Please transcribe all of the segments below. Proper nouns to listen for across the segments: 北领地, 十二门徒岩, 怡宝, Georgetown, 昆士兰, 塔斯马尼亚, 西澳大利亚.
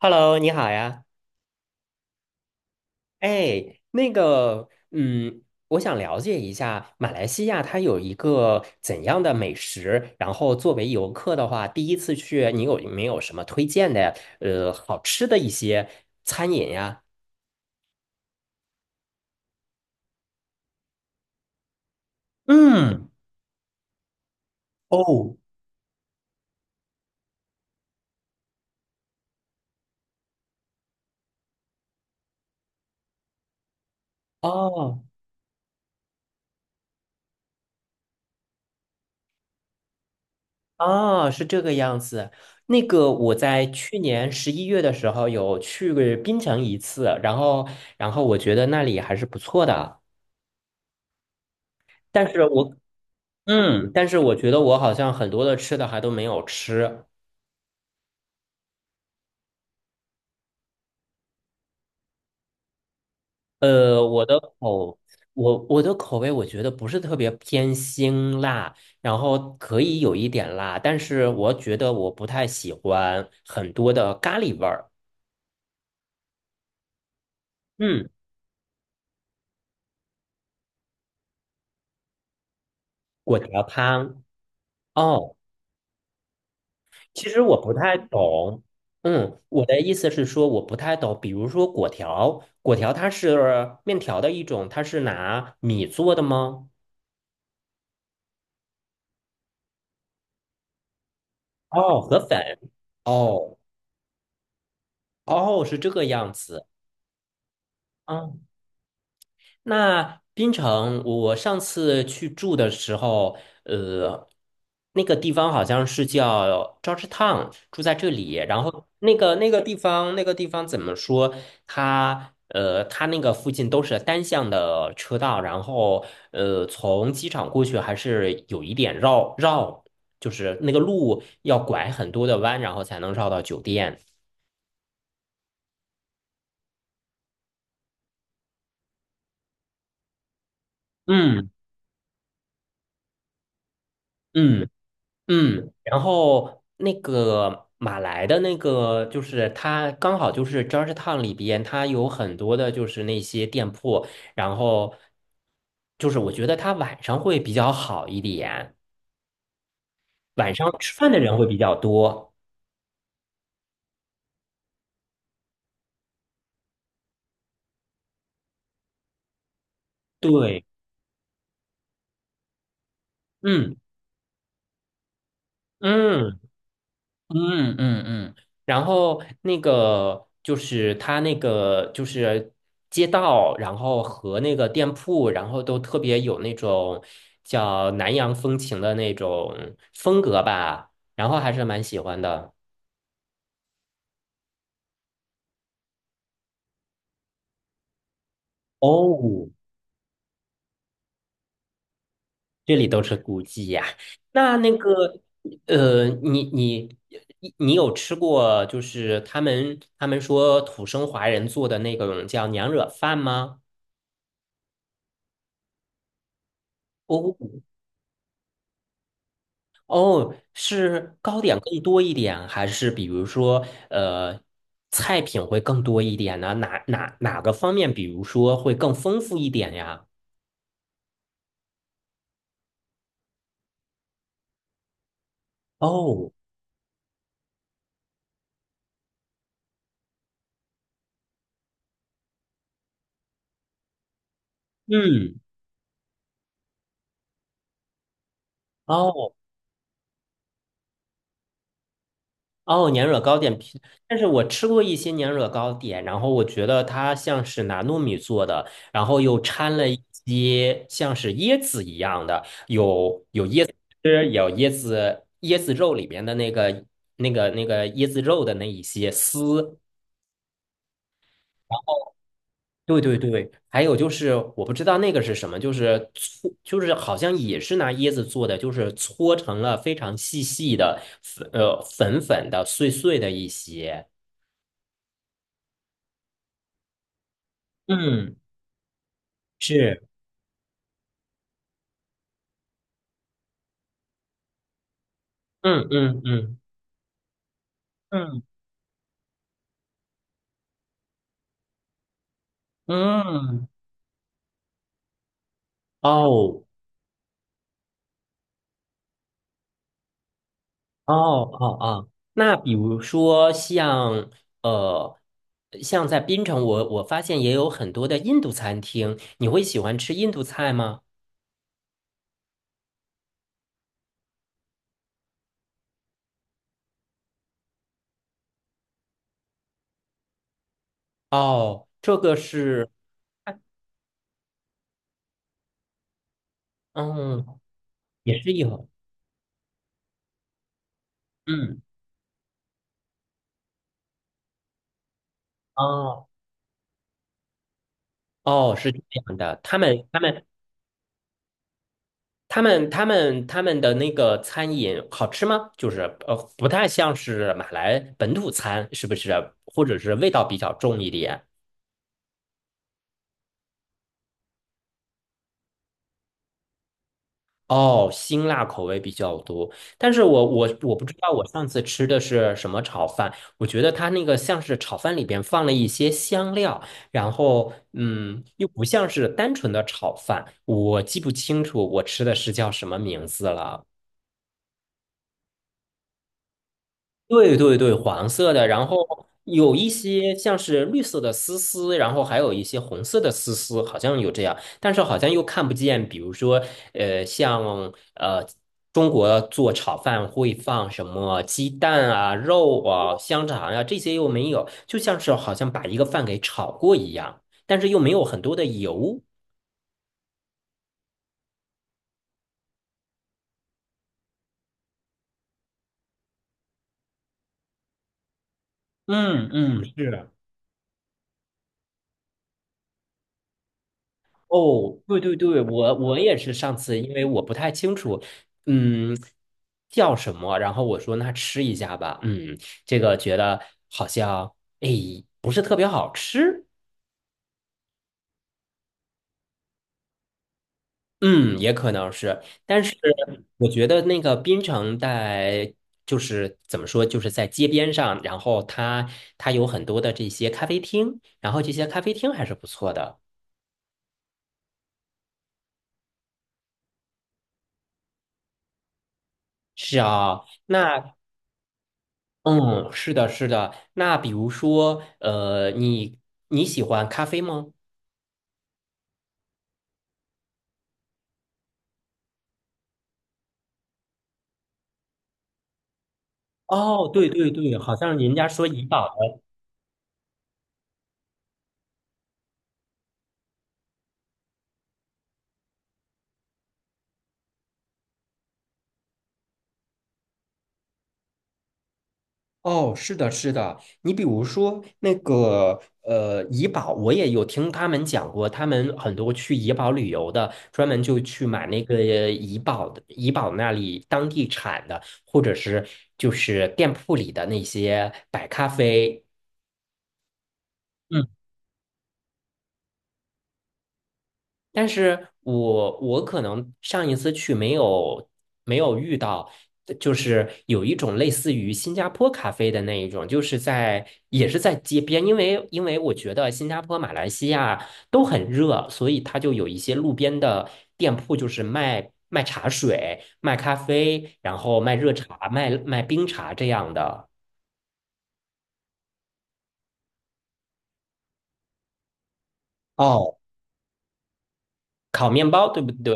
Hello，你好呀。哎，那个，我想了解一下马来西亚它有一个怎样的美食，然后作为游客的话，第一次去，你有没有什么推荐的，好吃的一些餐饮呀？嗯，哦，哦，哦，是这个样子。那个我在去年11月的时候有去过槟城一次，然后我觉得那里还是不错的。但是我但是我觉得我好像很多的吃的还都没有吃。呃，我的口，我的口味，我觉得不是特别偏辛辣，然后可以有一点辣，但是我觉得我不太喜欢很多的咖喱味儿。嗯，果条汤。哦，其实我不太懂。我的意思是说我不太懂，比如说果条它是面条的一种，它是拿米做的吗？哦，河粉。哦。哦，是这个样子啊。那槟城，我上次去住的时候，呃，那个地方好像是叫 Georgetown，住在这里。然后那个地方，那个地方怎么说？它那个附近都是单向的车道，然后从机场过去还是有一点绕绕，就是那个路要拐很多的弯，然后才能绕到酒店。嗯嗯。然后那个马来的那个，就是它刚好就是 Georgetown 里边，它有很多的就是那些店铺，然后就是我觉得它晚上会比较好一点，晚上吃饭的人会比较多。对，嗯嗯。嗯嗯嗯，然后那个就是它那个就是街道，然后和那个店铺，然后都特别有那种叫南洋风情的那种风格吧，然后还是蛮喜欢的。哦，这里都是古迹呀。那那个呃，你你你有吃过就是他们说土生华人做的那种叫娘惹饭吗？哦，哦，是糕点更多一点，还是比如说，呃，菜品会更多一点呢？哪个方面，比如说会更丰富一点呀？哦，嗯，哦哦，年惹糕点皮，但是我吃过一些年惹糕点，然后我觉得它像是拿糯米做的，然后又掺了一些像是椰子一样的，有是有椰子肉里边的那个椰子肉的那一些丝。对对对，还有就是我不知道那个是什么，就是搓，就是好像也是拿椰子做的，就是搓成了非常细细的粉，粉粉的、碎碎的一些。嗯，是，嗯嗯嗯嗯嗯，哦哦哦哦，那比如说呃，像在槟城我发现也有很多的印度餐厅，你会喜欢吃印度菜吗？哦，这个是。嗯，也是一盒，嗯，哦哦，是这样的，他们的那个餐饮好吃吗？就是不太像是马来本土餐，是不是？或者是味道比较重一点？哦，辛辣口味比较多，但是我不知道我上次吃的是什么炒饭，我觉得它那个像是炒饭里边放了一些香料，然后又不像是单纯的炒饭，我记不清楚我吃的是叫什么名字了。对对对，黄色的，然后有一些像是绿色的丝丝，然后还有一些红色的丝丝，好像有这样，但是好像又看不见。比如说，呃，像呃，中国做炒饭会放什么鸡蛋啊、肉啊、香肠呀、这些又没有，就像是好像把一个饭给炒过一样，但是又没有很多的油。嗯嗯，是。哦，对对对，我也是上次，因为我不太清楚，嗯，叫什么，然后我说那吃一下吧，这个觉得好像，哎，不是特别好吃，嗯，也可能是，但是我觉得那个槟城在就是怎么说，就是在街边上，然后它有很多的这些咖啡厅，然后这些咖啡厅还是不错的。是啊，是的，是的。那比如说，你喜欢咖啡吗？哦，对对对，好像人家说怡宝的。哦，是的，是的。你比如说那个怡宝，我也有听他们讲过，他们很多去怡宝旅游的，专门就去买那个怡宝的，怡宝那里当地产的，或者是就是店铺里的那些白咖啡。嗯。但是我可能上一次去没有遇到，就是有一种类似于新加坡咖啡的那一种，就是在也是在街边，因为我觉得新加坡、马来西亚都很热，所以它就有一些路边的店铺，就是卖茶水、卖咖啡，然后卖热茶、卖冰茶这样的。哦，烤面包，对不对？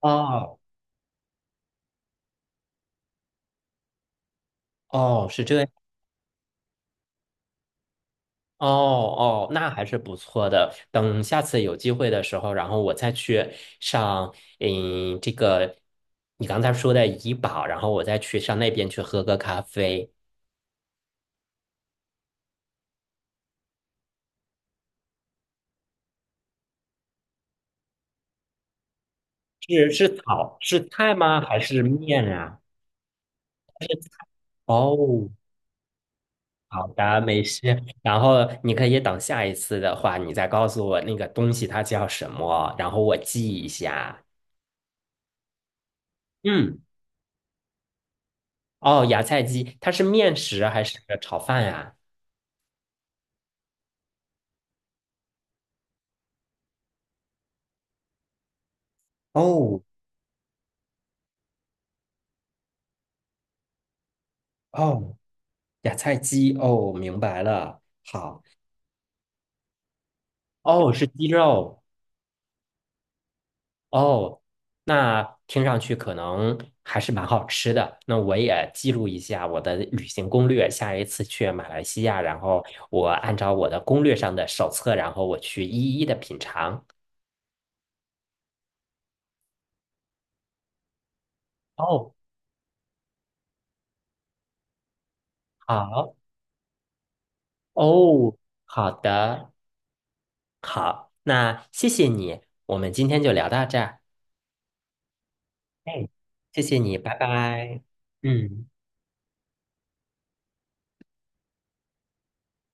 哦哦，是这样。哦哦，那还是不错的。等下次有机会的时候，然后我再去上，这个你刚才说的怡宝，然后我再去上那边去喝个咖啡。是炒是菜吗？还是面啊？哦，好的，没事。然后你可以等下一次的话，你再告诉我那个东西它叫什么，然后我记一下。嗯，哦，芽菜鸡，它是面食还是炒饭啊？哦哦。芽菜鸡哦，明白了。好，哦，是鸡肉哦，那听上去可能还是蛮好吃的。那我也记录一下我的旅行攻略，下一次去马来西亚，然后我按照我的攻略上的手册，然后我去一一的品尝。哦，好，哦，好的，好，那谢谢你，我们今天就聊到这儿。哎，谢谢你，拜拜。嗯。